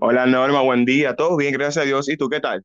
Hola Norma, buen día. Todo bien, gracias a Dios. ¿Y tú qué tal?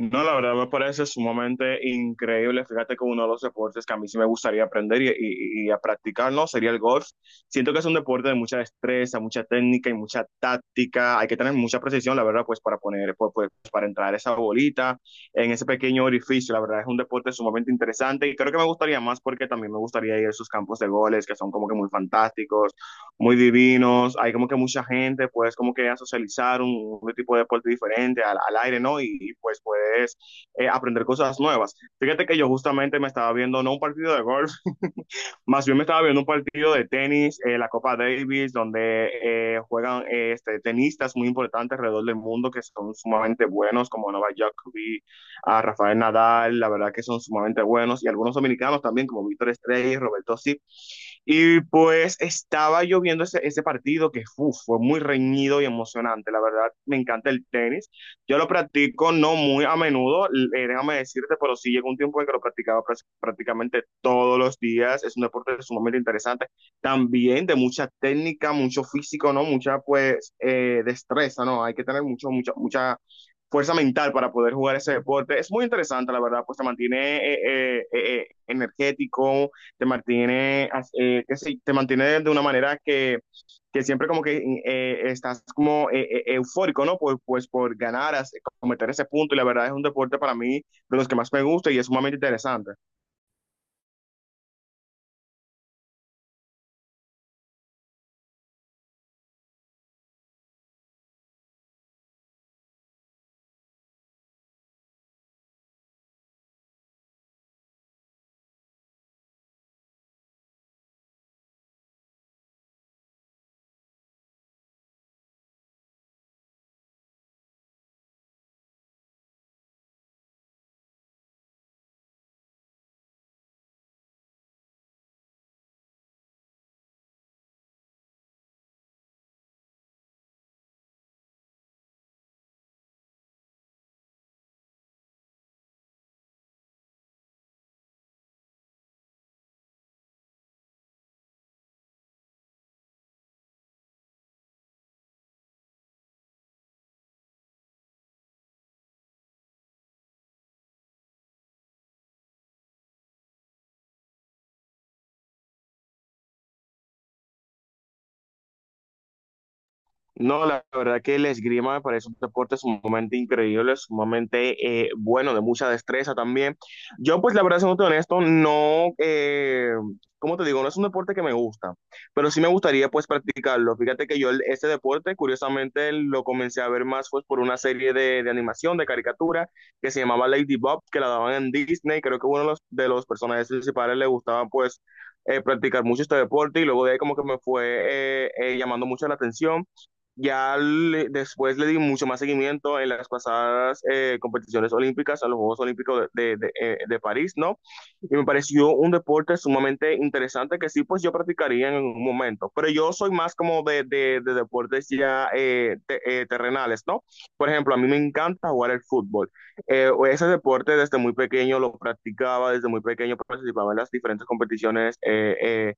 No, la verdad me parece sumamente increíble. Fíjate que uno de los deportes que a mí sí me gustaría aprender y a practicar, ¿no? Sería el golf. Siento que es un deporte de mucha destreza, mucha técnica y mucha táctica. Hay que tener mucha precisión, la verdad, pues para poner, pues, para entrar esa bolita en ese pequeño orificio. La verdad es un deporte sumamente interesante y creo que me gustaría más porque también me gustaría ir a esos campos de goles que son como que muy fantásticos, muy divinos. Hay como que mucha gente, pues como que a socializar un tipo de deporte diferente al aire, ¿no? Y pues puedes aprender cosas nuevas. Fíjate que yo justamente me estaba viendo, no un partido de golf, más bien me estaba viendo un partido de tenis, la Copa Davis, donde juegan tenistas muy importantes alrededor del mundo que son sumamente buenos, como Novak Djokovic, a Rafael Nadal. La verdad que son sumamente buenos, y algunos dominicanos también, como Víctor Estrella y Roberto Sip. Y pues estaba yo viendo ese partido que, uf, fue muy reñido y emocionante. La verdad, me encanta el tenis, yo lo practico no muy a menudo, déjame decirte, pero sí llegó un tiempo en que lo practicaba prácticamente todos los días. Es un deporte sumamente interesante, también de mucha técnica, mucho físico, ¿no? Mucha, pues, destreza, ¿no? Hay que tener mucha fuerza mental para poder jugar ese deporte. Es muy interesante, la verdad, pues te mantiene energético, te mantiene, que sí, te mantiene de una manera que siempre como que estás como eufórico, ¿no? Pues, por ganar, cometer ese punto. Y la verdad es un deporte para mí de los que más me gusta y es sumamente interesante. No, la verdad que el esgrima me parece un deporte sumamente increíble, sumamente, bueno, de mucha destreza también. Yo, pues, la verdad, siendo honesto, no, ¿cómo te digo? No es un deporte que me gusta, pero sí me gustaría, pues, practicarlo. Fíjate que este deporte, curiosamente, lo comencé a ver más, pues, por una serie de animación, de caricatura, que se llamaba Lady Bob, que la daban en Disney. Creo que uno de los personajes principales le gustaba, pues, practicar mucho este deporte, y luego de ahí como que me fue llamando mucho la atención. Ya después le di mucho más seguimiento en las pasadas competiciones olímpicas, a los Juegos Olímpicos de París, ¿no? Y me pareció un deporte sumamente interesante que sí, pues yo practicaría en un momento, pero yo soy más como de deportes ya terrenales, ¿no? Por ejemplo, a mí me encanta jugar el fútbol. Ese deporte desde muy pequeño lo practicaba, desde muy pequeño participaba en las diferentes competiciones,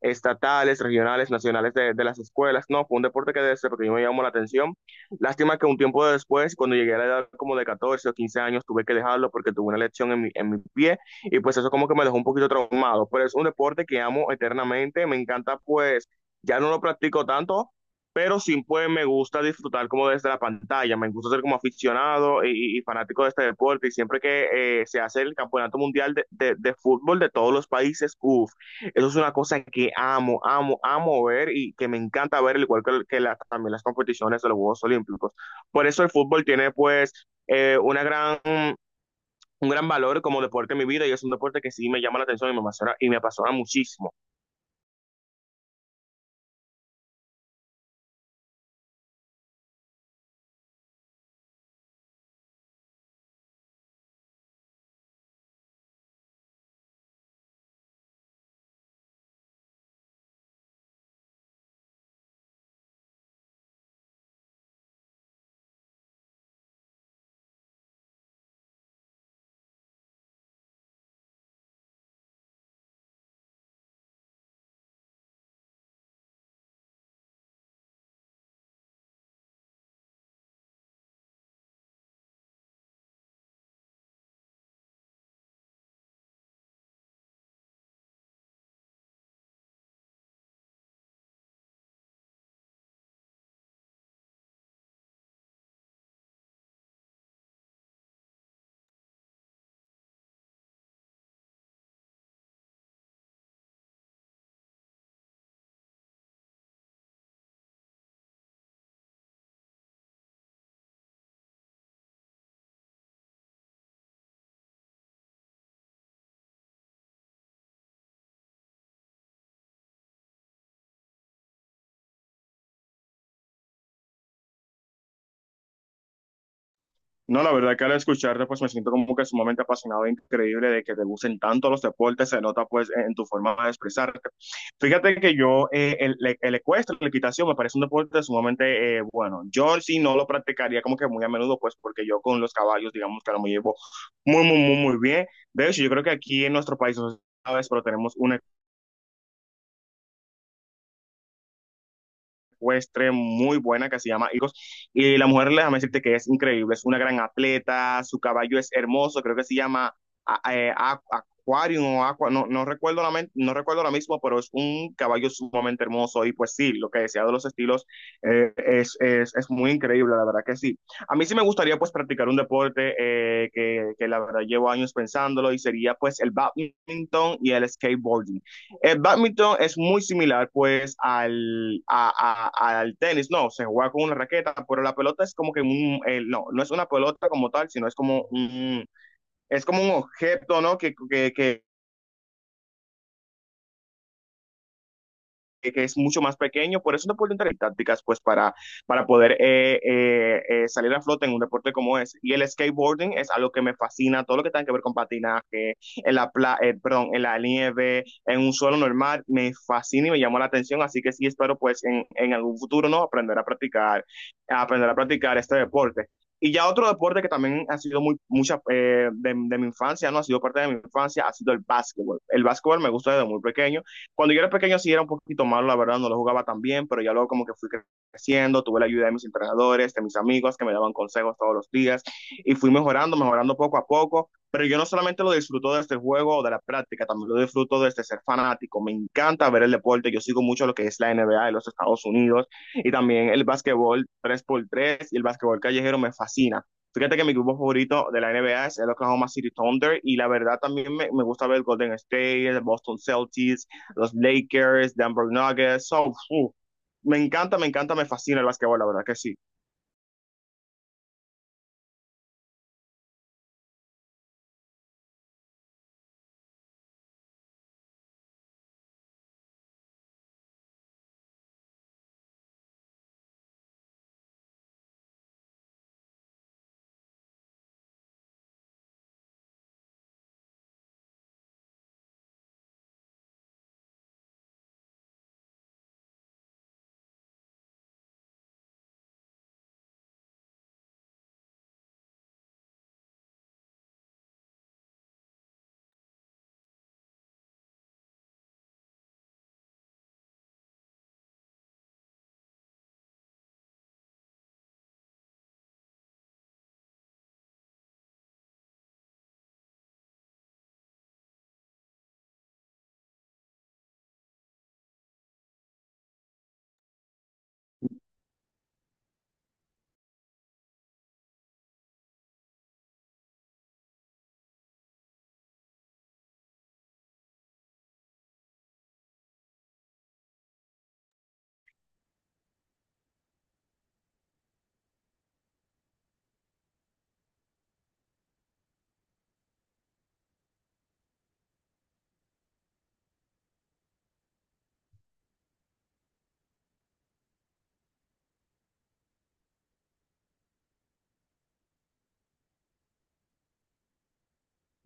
estatales, regionales, nacionales de las escuelas. No, fue un deporte que desde pequeño me llamó la atención. Lástima que un tiempo después, cuando llegué a la edad como de 14 o 15 años, tuve que dejarlo porque tuve una lesión en mi pie, y pues eso como que me dejó un poquito traumado. Pero es un deporte que amo eternamente, me encanta, pues ya no lo practico tanto, pero sí pues me gusta disfrutar como desde la pantalla, me gusta ser como aficionado y fanático de este deporte. Y siempre que se hace el Campeonato Mundial de Fútbol de todos los países, uff, eso es una cosa que amo, amo, amo ver, y que me encanta ver, al igual que, también las competiciones de los Juegos Olímpicos. Por eso el fútbol tiene, pues, una gran, un gran valor como deporte en mi vida, y es un deporte que sí me llama la atención y me apasiona muchísimo. No, la verdad que al escucharte, pues me siento como que sumamente apasionado e increíble de que te gusten tanto los deportes, se nota pues en tu forma de expresarte. Fíjate que yo, el ecuestre, la equitación, me parece un deporte sumamente, bueno. Yo sí no lo practicaría como que muy a menudo, pues porque yo con los caballos, digamos que ahora me llevo muy, muy, muy, muy bien. De hecho, yo creo que aquí en nuestro país, no sé si sabes, pero tenemos una ecuestre muy buena que se llama Iros. Y la mujer, déjame decirte que es increíble, es una gran atleta, su caballo es hermoso, creo que se llama, Aquarium o Aqua, no, no recuerdo la, men- no recuerdo ahora mismo, pero es un caballo sumamente hermoso. Y pues sí, lo que decía de los estilos, es muy increíble, la verdad que sí. A mí sí me gustaría, pues, practicar un deporte, que, la verdad llevo años pensándolo, y sería, pues, el badminton y el skateboarding. El bádminton es muy similar, pues, al tenis, no, se juega con una raqueta, pero la pelota es como que un, no, no es una pelota como tal, sino es como un objeto, ¿no? Que es mucho más pequeño, por eso te pueden tener tácticas pues para, poder salir a flote en un deporte como ese. Y el skateboarding es algo que me fascina, todo lo que tenga que ver con patinaje, en la, pla perdón, en la nieve, en un suelo normal, me fascina y me llamó la atención. Así que sí, espero pues en algún futuro, ¿no?, aprender a practicar este deporte. Y ya otro deporte que también ha sido muy, mucha de mi infancia, no, ha sido parte de mi infancia, ha sido el básquetbol. El básquetbol me gusta desde muy pequeño. Cuando yo era pequeño sí era un poquito malo, la verdad, no lo jugaba tan bien, pero ya luego como que fui creciendo, tuve la ayuda de mis entrenadores, de mis amigos que me daban consejos todos los días, y fui mejorando, mejorando poco a poco. Pero yo no solamente lo disfruto de este juego o de la práctica, también lo disfruto desde ser fanático, me encanta ver el deporte. Yo sigo mucho lo que es la NBA de los Estados Unidos, y también el básquetbol 3x3, y el básquetbol callejero me fascina. Fíjate que mi equipo favorito de la NBA es el Oklahoma City Thunder, y la verdad también me gusta ver Golden State, el Boston Celtics, los Lakers, Denver Nuggets. Me encanta, me encanta, me fascina el básquetbol, la verdad que sí.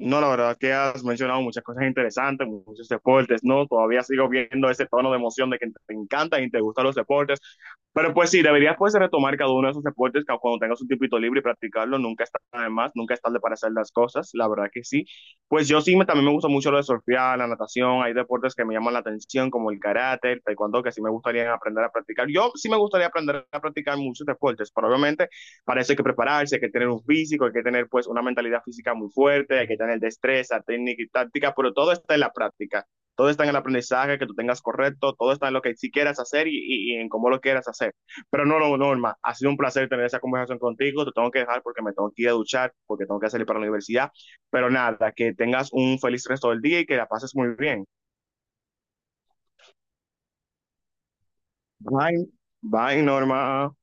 No, la verdad que has mencionado muchas cosas interesantes, muchos deportes, ¿no? Todavía sigo viendo ese tono de emoción de que te encantan y te gustan los deportes. Pero pues sí, deberías pues retomar cada uno de esos deportes que cuando tengas un tipito libre y practicarlo, nunca está de más, nunca es tarde para hacer las cosas, la verdad que sí. Pues yo sí, también me gusta mucho lo de surfear, la natación. Hay deportes que me llaman la atención como el karate, el taekwondo, que sí me gustaría aprender a practicar. Yo sí me gustaría aprender a practicar muchos deportes, pero obviamente para eso hay que prepararse, hay que tener un físico, hay que tener, pues, una mentalidad física muy fuerte, hay que tener destreza, técnica y táctica, pero todo está en la práctica, todo está en el aprendizaje que tú tengas correcto, todo está en lo que sí quieras hacer y, y en cómo lo quieras hacer. Pero no, no, no, Norma, ha sido un placer tener esa conversación contigo, te tengo que dejar porque me tengo que ir a duchar, porque tengo que salir para la universidad, pero nada, que tengas un feliz resto del día y que la pases muy bien. Bye, bye, Norma.